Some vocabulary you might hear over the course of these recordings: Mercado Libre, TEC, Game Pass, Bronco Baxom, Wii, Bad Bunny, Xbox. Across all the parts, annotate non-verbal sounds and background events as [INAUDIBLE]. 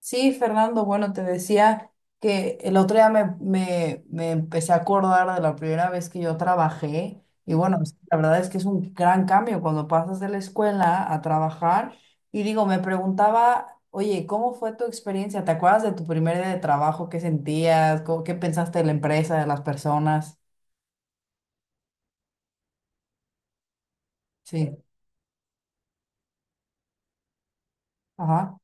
Sí, Fernando, bueno, te decía que el otro día me empecé a acordar de la primera vez que yo trabajé y bueno, la verdad es que es un gran cambio cuando pasas de la escuela a trabajar y digo, me preguntaba, oye, ¿cómo fue tu experiencia? ¿Te acuerdas de tu primer día de trabajo? ¿Qué sentías? ¿Qué pensaste de la empresa, de las personas? Sí, ajá,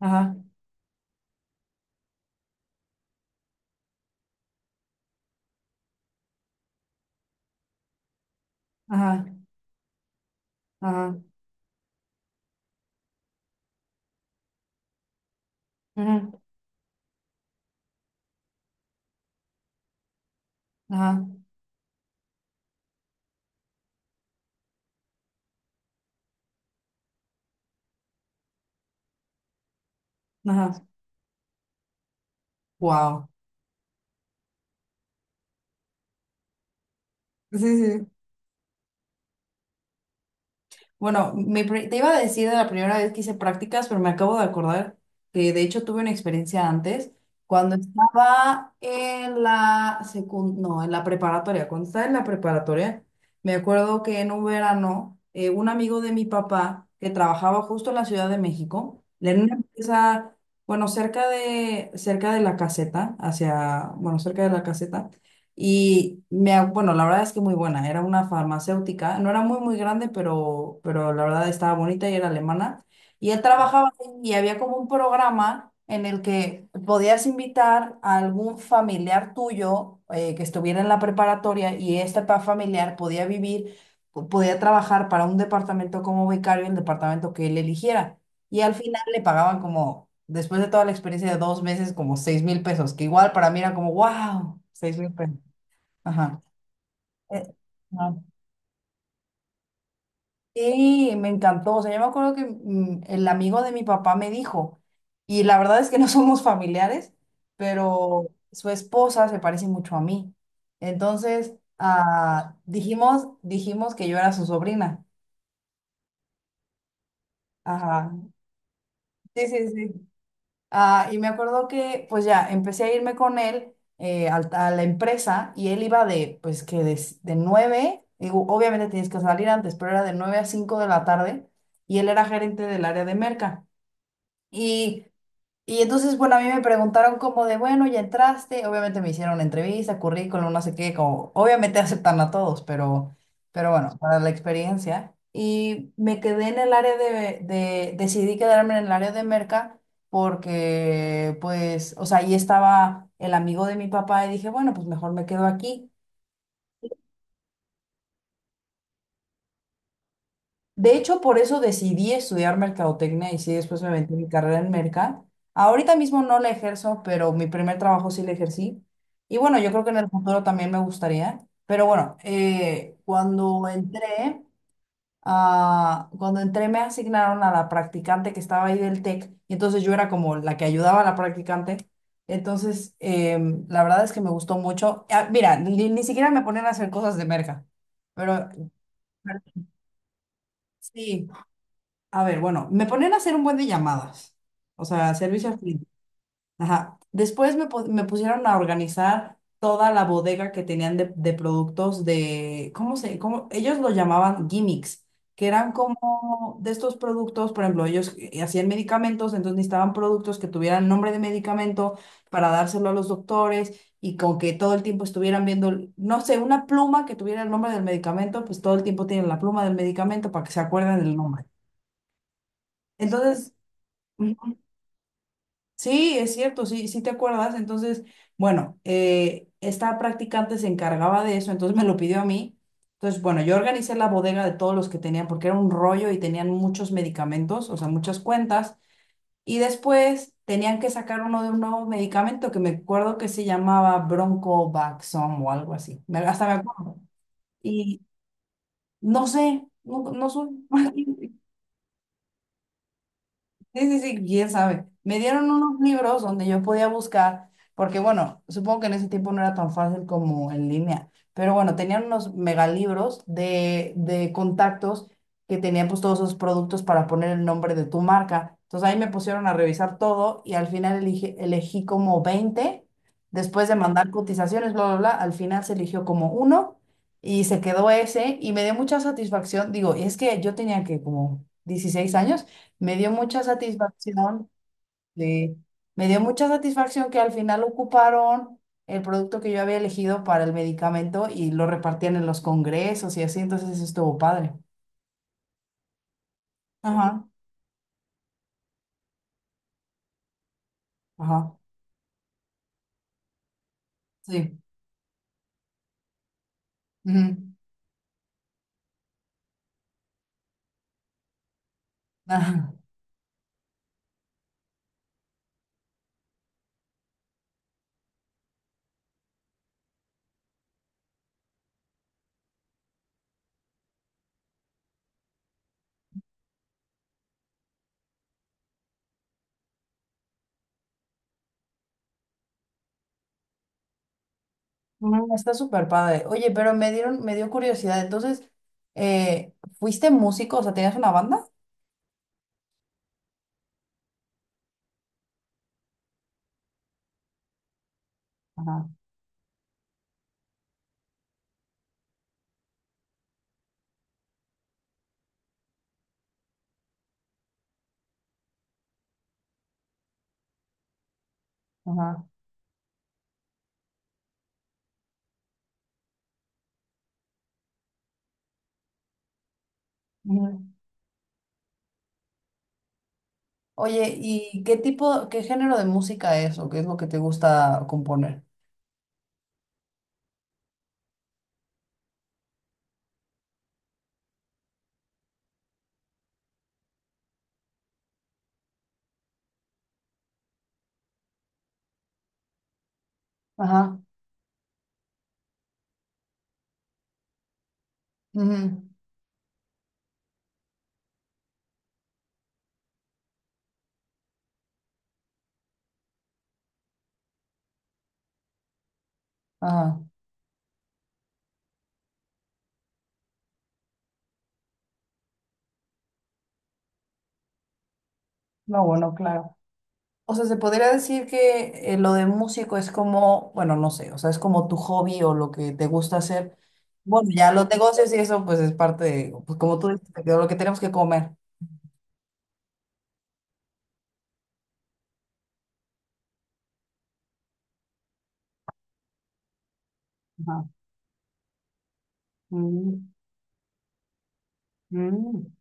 ajá, ajá, ajá, ajá, ajá, ajá, wow. Sí, sí, sí. Bueno, te iba a decir de la primera vez que hice prácticas, pero me acabo de acordar que de hecho tuve una experiencia antes, cuando estaba en la secund no, en la preparatoria, cuando estaba en la preparatoria, me acuerdo que en un verano, un amigo de mi papá que trabajaba justo en la Ciudad de México, en una empresa, bueno, cerca de la caseta, hacia, bueno, cerca de la caseta, y bueno, la verdad es que muy buena. Era una farmacéutica, no era muy, muy grande, pero la verdad estaba bonita y era alemana. Y él trabajaba ahí y había como un programa en el que podías invitar a algún familiar tuyo que estuviera en la preparatoria y este familiar podía vivir, podía trabajar para un departamento como vicario en el departamento que él eligiera. Y al final le pagaban como, después de toda la experiencia de 2 meses, como 6,000 pesos, que igual para mí era como, wow, 6,000 pesos. Ajá. Eh, ajá. Y me encantó. O sea, yo me acuerdo que el amigo de mi papá me dijo, y la verdad es que no [LAUGHS] somos familiares, pero su esposa se parece mucho a mí. Entonces, ah, dijimos que yo era su sobrina. Ajá. Sí, sí, sí. Ah, y me acuerdo que, pues ya, empecé a irme con él la empresa y él iba de, pues que de, s- de 9, digo, obviamente tienes que salir antes, pero era de 9 a 5 de la tarde y él era gerente del área de merca. Y y entonces, bueno, a mí me preguntaron como de, bueno, ya entraste, obviamente me hicieron una entrevista, currículum, no sé qué, como, obviamente [LAUGHS] aceptan a todos, pero bueno, para la experiencia. Y me quedé en el área decidí quedarme en el área de merca porque, pues, o sea, ahí estaba el amigo de mi papá y dije, bueno, pues mejor me quedo aquí. De hecho, por eso decidí estudiar mercadotecnia y sí, después me metí en mi carrera en merca. Ahorita mismo no la ejerzo, pero mi primer trabajo sí la ejercí. Y bueno, yo creo que en el futuro también me gustaría. Pero bueno, cuando entré me asignaron a la practicante que estaba ahí del TEC. Y entonces yo era como la que ayudaba a la practicante. Entonces, la verdad es que me gustó mucho. Ah, mira, ni siquiera me ponían a hacer cosas de merca. Pero pero sí. A ver, bueno, me ponían a hacer un buen de llamadas, o sea, servicio al cliente. Ajá. Después me pusieron a organizar toda la bodega que tenían de productos de, ¿cómo se, cómo, ellos lo llamaban gimmicks, que eran como de estos productos, por ejemplo, ellos hacían medicamentos, entonces necesitaban productos que tuvieran nombre de medicamento para dárselo a los doctores y con que todo el tiempo estuvieran viendo, no sé, una pluma que tuviera el nombre del medicamento, pues todo el tiempo tienen la pluma del medicamento para que se acuerden del nombre. Entonces, Ujú. Sí, es cierto, sí, sí te acuerdas. Entonces, bueno, esta practicante se encargaba de eso, entonces me lo pidió a mí. Entonces, bueno, yo organicé la bodega de todos los que tenían, porque era un rollo y tenían muchos medicamentos, o sea, muchas cuentas. Y después tenían que sacar uno de un nuevo medicamento que me acuerdo que se llamaba Bronco Baxom o algo así. Hasta me acuerdo. Y no sé, no, no soy. [LAUGHS] Sí, sí, sí, quién sabe. Me dieron unos libros donde yo podía buscar, porque bueno, supongo que en ese tiempo no era tan fácil como en línea, pero bueno, tenían unos megalibros de contactos que tenían pues todos esos productos para poner el nombre de tu marca. Entonces ahí me pusieron a revisar todo y al final elegí como 20 después de mandar cotizaciones, bla, bla, bla, al final se eligió como uno y se quedó ese y me dio mucha satisfacción. Digo, es que yo tenía que como 16 años. Me dio mucha satisfacción, sí. Me dio mucha satisfacción que al final ocuparon el producto que yo había elegido para el medicamento y lo repartían en los congresos y así, entonces eso estuvo padre. Ajá, ajá, sí. Ujú, ajá. Está súper padre. Oye, pero me dieron, me dio curiosidad. Entonces, eh, ¿fuiste músico? O sea, ¿tenías una banda? Ajá, ajá. Ujú. Oye, ¿y qué tipo, qué género de música es o qué es lo que te gusta componer? Ajá. Ujú. Ah, no, bueno, claro. O sea, se podría decir que lo de músico es como, bueno, no sé, o sea, es como tu hobby o lo que te gusta hacer. Bueno, ya los negocios y eso, pues es parte de, pues como tú dices, de lo que tenemos que comer. Ajá. Mm, mm,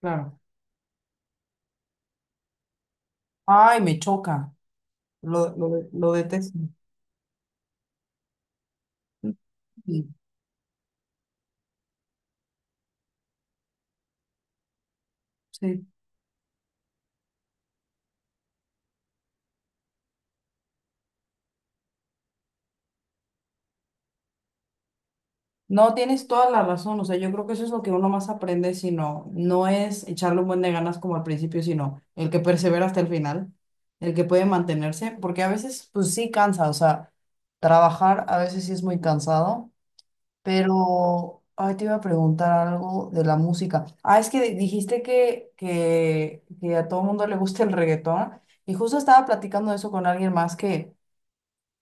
claro. Ay, me choca. Lo detesto. Sí, sí. No, tienes toda la razón, o sea, yo creo que eso es lo que uno más aprende, sino no es echarle un buen de ganas como al principio, sino el que persevera hasta el final, el que puede mantenerse, porque a veces pues sí cansa, o sea, trabajar a veces sí es muy cansado, pero ay, te iba a preguntar algo de la música. Ah, es que dijiste que, a todo mundo le gusta el reggaetón y justo estaba platicando de eso con alguien más que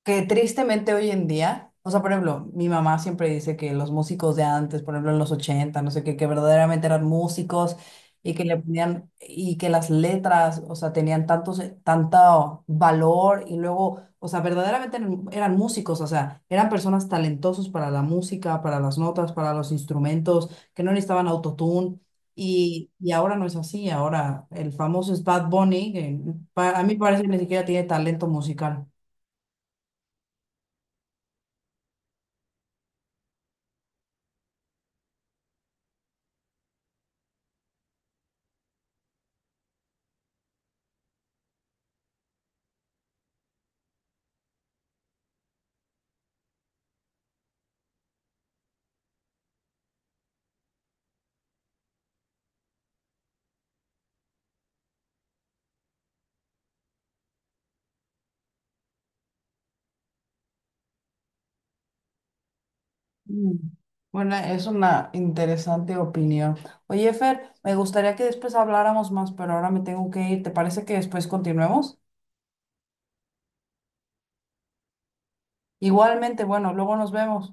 tristemente hoy en día, o sea, por ejemplo, mi mamá siempre dice que los músicos de antes, por ejemplo, en los 80, no sé qué, que verdaderamente eran músicos y que le ponían, y que las letras, o sea, tenían tanto, tanto valor y luego, o sea, verdaderamente eran músicos, o sea, eran personas talentosos para la música, para las notas, para los instrumentos, que no necesitaban autotune. Y ahora no es así, ahora el famoso es Bad Bunny, que a mí parece que ni siquiera tiene talento musical. Mm. Bueno, es una interesante opinión. Oye, Fer, me gustaría que después habláramos más, pero ahora me tengo que ir. ¿Te parece que después continuemos? Igualmente, bueno, luego nos vemos.